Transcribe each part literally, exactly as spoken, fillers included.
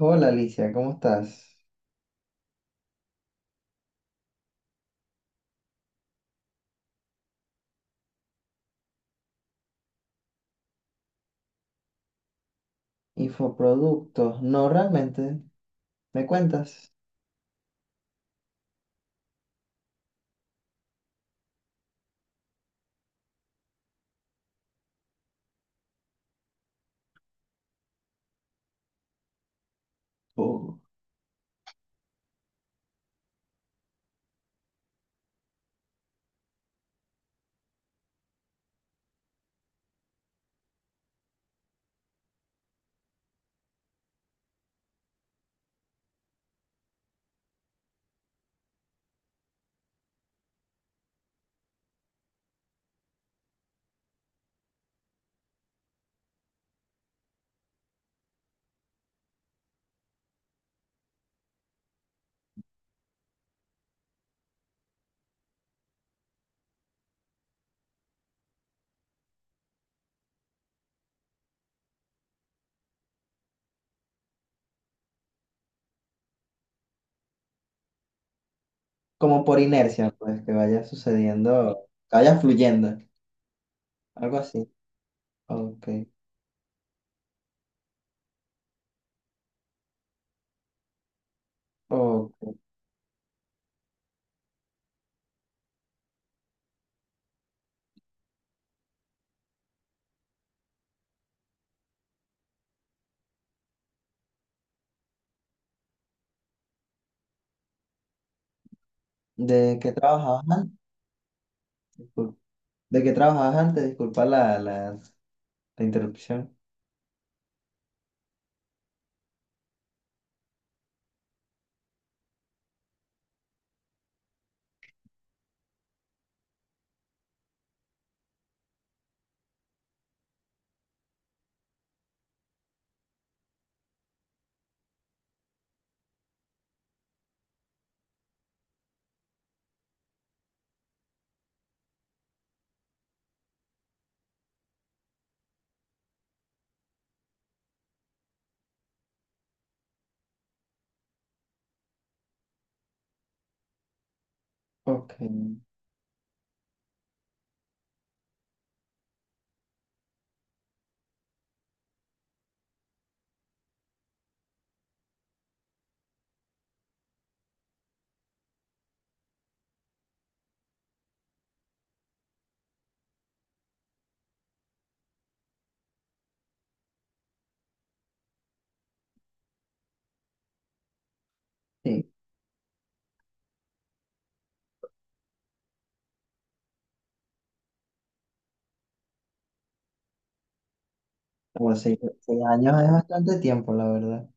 Hola Alicia, ¿cómo estás? Infoproductos. No, realmente, ¿me cuentas? O- Como por inercia, pues, que vaya sucediendo, que vaya fluyendo, algo así. Ok, ok. ¿De qué trabajabas antes? Discul- ¿De qué trabajabas antes? Disculpa la, la, la interrupción. Ok, sí, como seis, seis años es bastante tiempo, la verdad.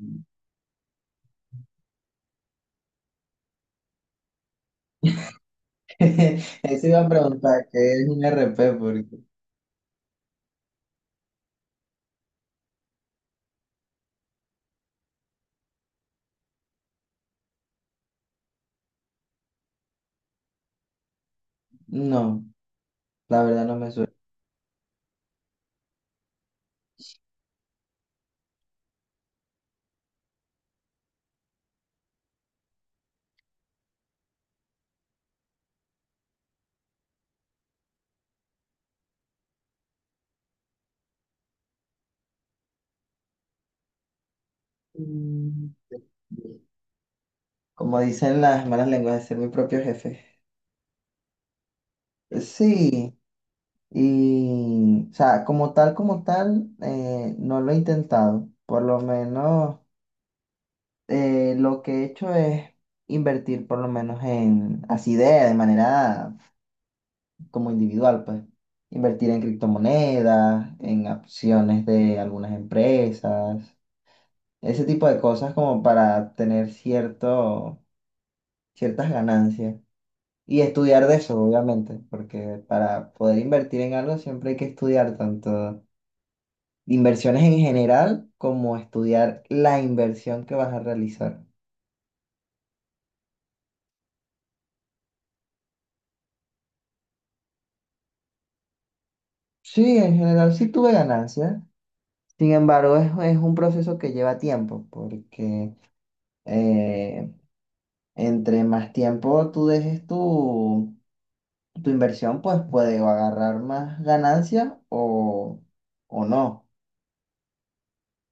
Mm. Eso iba a preguntar, ¿qué es un R P? Porque no, la verdad no me suena. Mm, como dicen las malas lenguas, de ser mi propio jefe. Eh, Sí, y, o sea, como tal, como tal, eh, no lo he intentado. Por lo menos, eh, lo que he hecho es invertir, por lo menos en, así de, de manera como individual, pues, invertir en criptomonedas, en acciones de algunas empresas, ese tipo de cosas como para tener cierto, ciertas ganancias. Y estudiar de eso, obviamente, porque para poder invertir en algo siempre hay que estudiar tanto inversiones en general como estudiar la inversión que vas a realizar. Sí, en general sí tuve ganancias. Sin embargo, es, es un proceso que lleva tiempo, porque eh, entre más tiempo tú dejes tu, tu inversión, pues puede o agarrar más ganancias o, o no.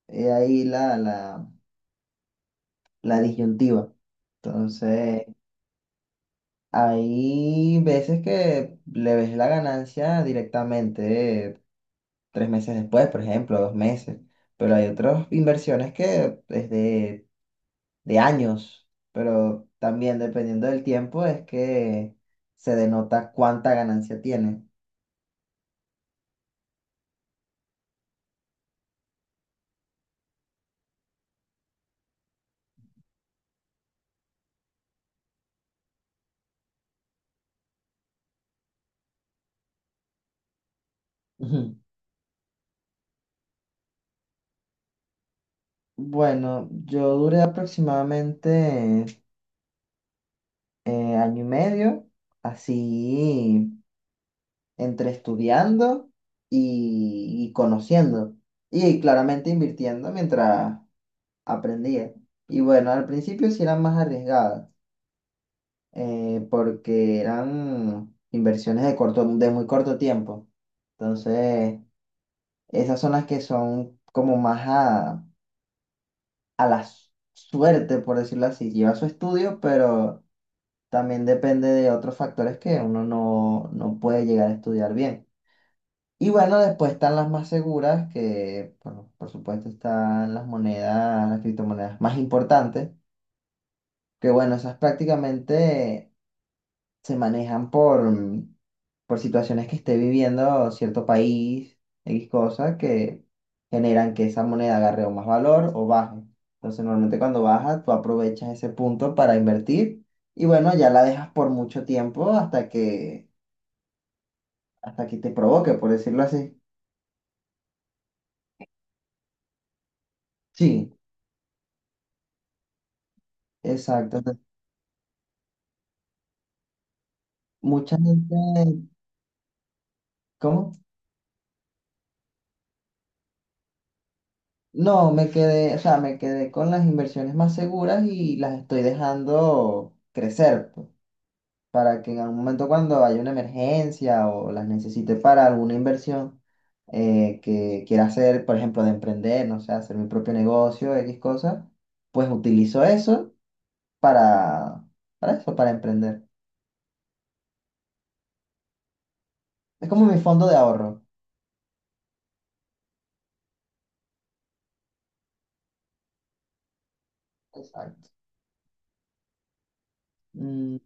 Es ahí la, la, la disyuntiva. Entonces, hay veces que le ves la ganancia directamente eh, tres meses después, por ejemplo, dos meses, pero hay otras inversiones que es de, de años, pero también dependiendo del tiempo es que se denota cuánta ganancia tiene. Ujú. Bueno, yo duré aproximadamente eh, año y medio, así entre estudiando y, y conociendo. Y claramente invirtiendo mientras aprendía. Y bueno, al principio sí eran más arriesgadas, eh, porque eran inversiones de corto, de muy corto tiempo. Entonces, esas son las que son como más a, a la s- suerte, por decirlo así. Lleva su estudio, pero también depende de otros factores que uno no, no puede llegar a estudiar bien. Y bueno, después están las más seguras, que bueno, por supuesto están las monedas, las criptomonedas más importantes, que bueno, esas prácticamente se manejan por, mm, por situaciones que esté viviendo cierto país, X cosas, que generan que esa moneda agarre o más valor o baje. Entonces, normalmente cuando baja, tú aprovechas ese punto para invertir y bueno, ya la dejas por mucho tiempo hasta que, hasta que te provoque, por decirlo así. Sí, exacto. Mucha gente, ¿cómo? No, me quedé, o sea, me quedé con las inversiones más seguras y las estoy dejando crecer, pues, para que en algún momento cuando haya una emergencia o las necesite para alguna inversión eh, que quiera hacer, por ejemplo, de emprender, no sé, hacer mi propio negocio, X cosas, pues utilizo eso para, para eso, para emprender. Es como mi fondo de ahorro. Exacto. Mm,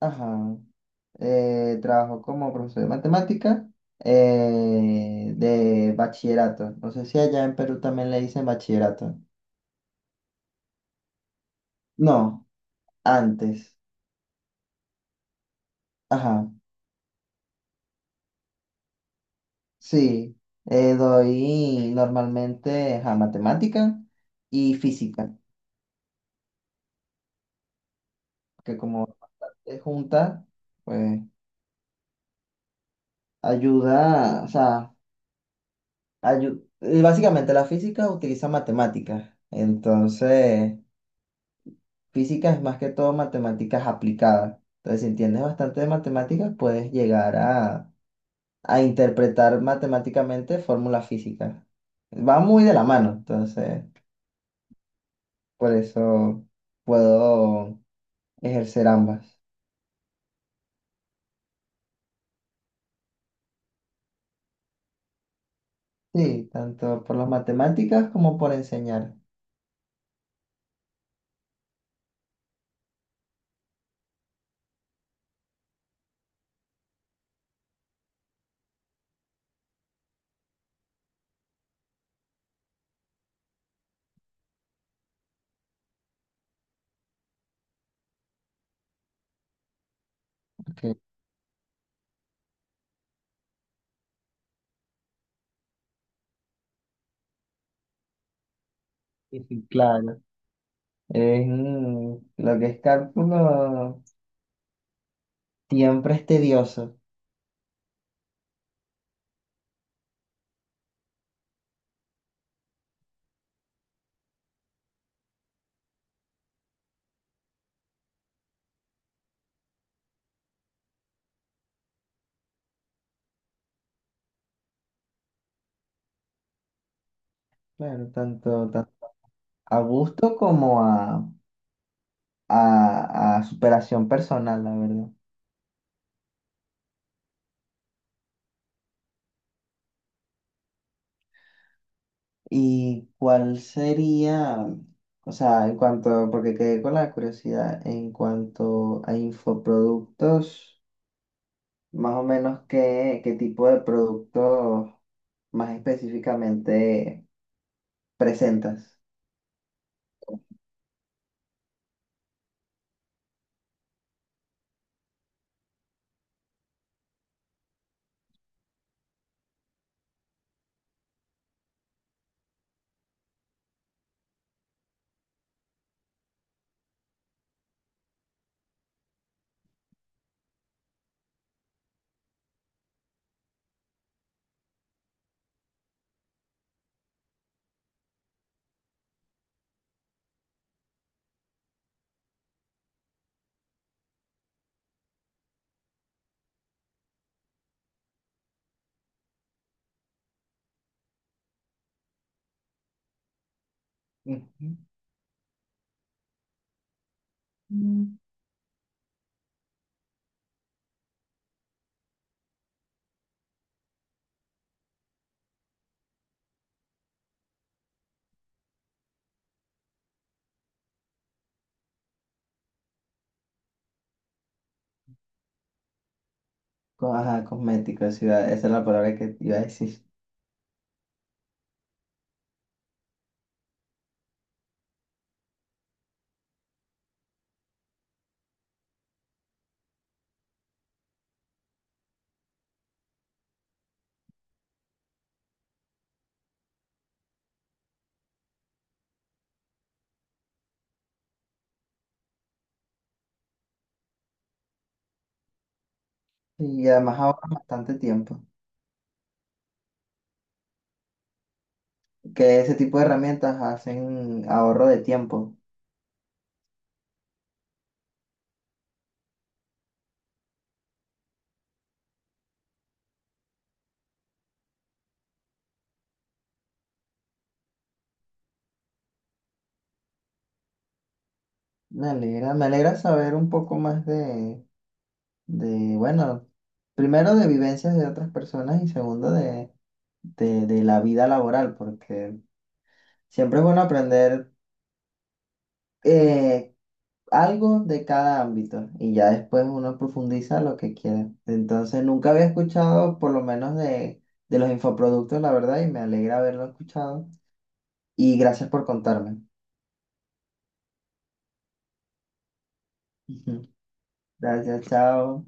ajá. eh, trabajó como profesor de matemática eh, de bachillerato. No sé si allá en Perú también le dicen bachillerato. No, antes. Ajá, sí. Eh, doy normalmente ajá, matemática y física, que como es junta, pues ayuda, o sea, ayu- eh, básicamente la física utiliza matemáticas. Entonces, física es más que todo matemáticas aplicadas. Entonces, si entiendes bastante de matemáticas, puedes llegar a, a interpretar matemáticamente fórmulas físicas. Va muy de la mano, entonces, por eso puedo ejercer ambas. Sí, tanto por las matemáticas como por enseñar. Porque sí, sí, claro. Es, mm, lo que es cálculo siempre es tedioso. Claro, tanto, tanto a gusto como a a, a superación personal, la verdad. ¿Y cuál sería, o sea, en cuanto, porque quedé con la curiosidad, en cuanto a infoproductos, más o menos qué, qué tipo de productos más específicamente presentas? Ujú. Mm. Co- Ajá, cosméticos, sí, esa es la palabra que iba a decir. Y además ahorras bastante tiempo. Que ese tipo de herramientas hacen ahorro de tiempo. Me alegra, me alegra saber un poco más de, de, bueno, primero de vivencias de otras personas y segundo de, de, de la vida laboral, porque siempre es bueno aprender eh, algo de cada ámbito y ya después uno profundiza lo que quiere. Entonces, nunca había escuchado por lo menos de, de los infoproductos, la verdad, y me alegra haberlo escuchado. Y gracias por contarme. Ujú. Gracias, chao.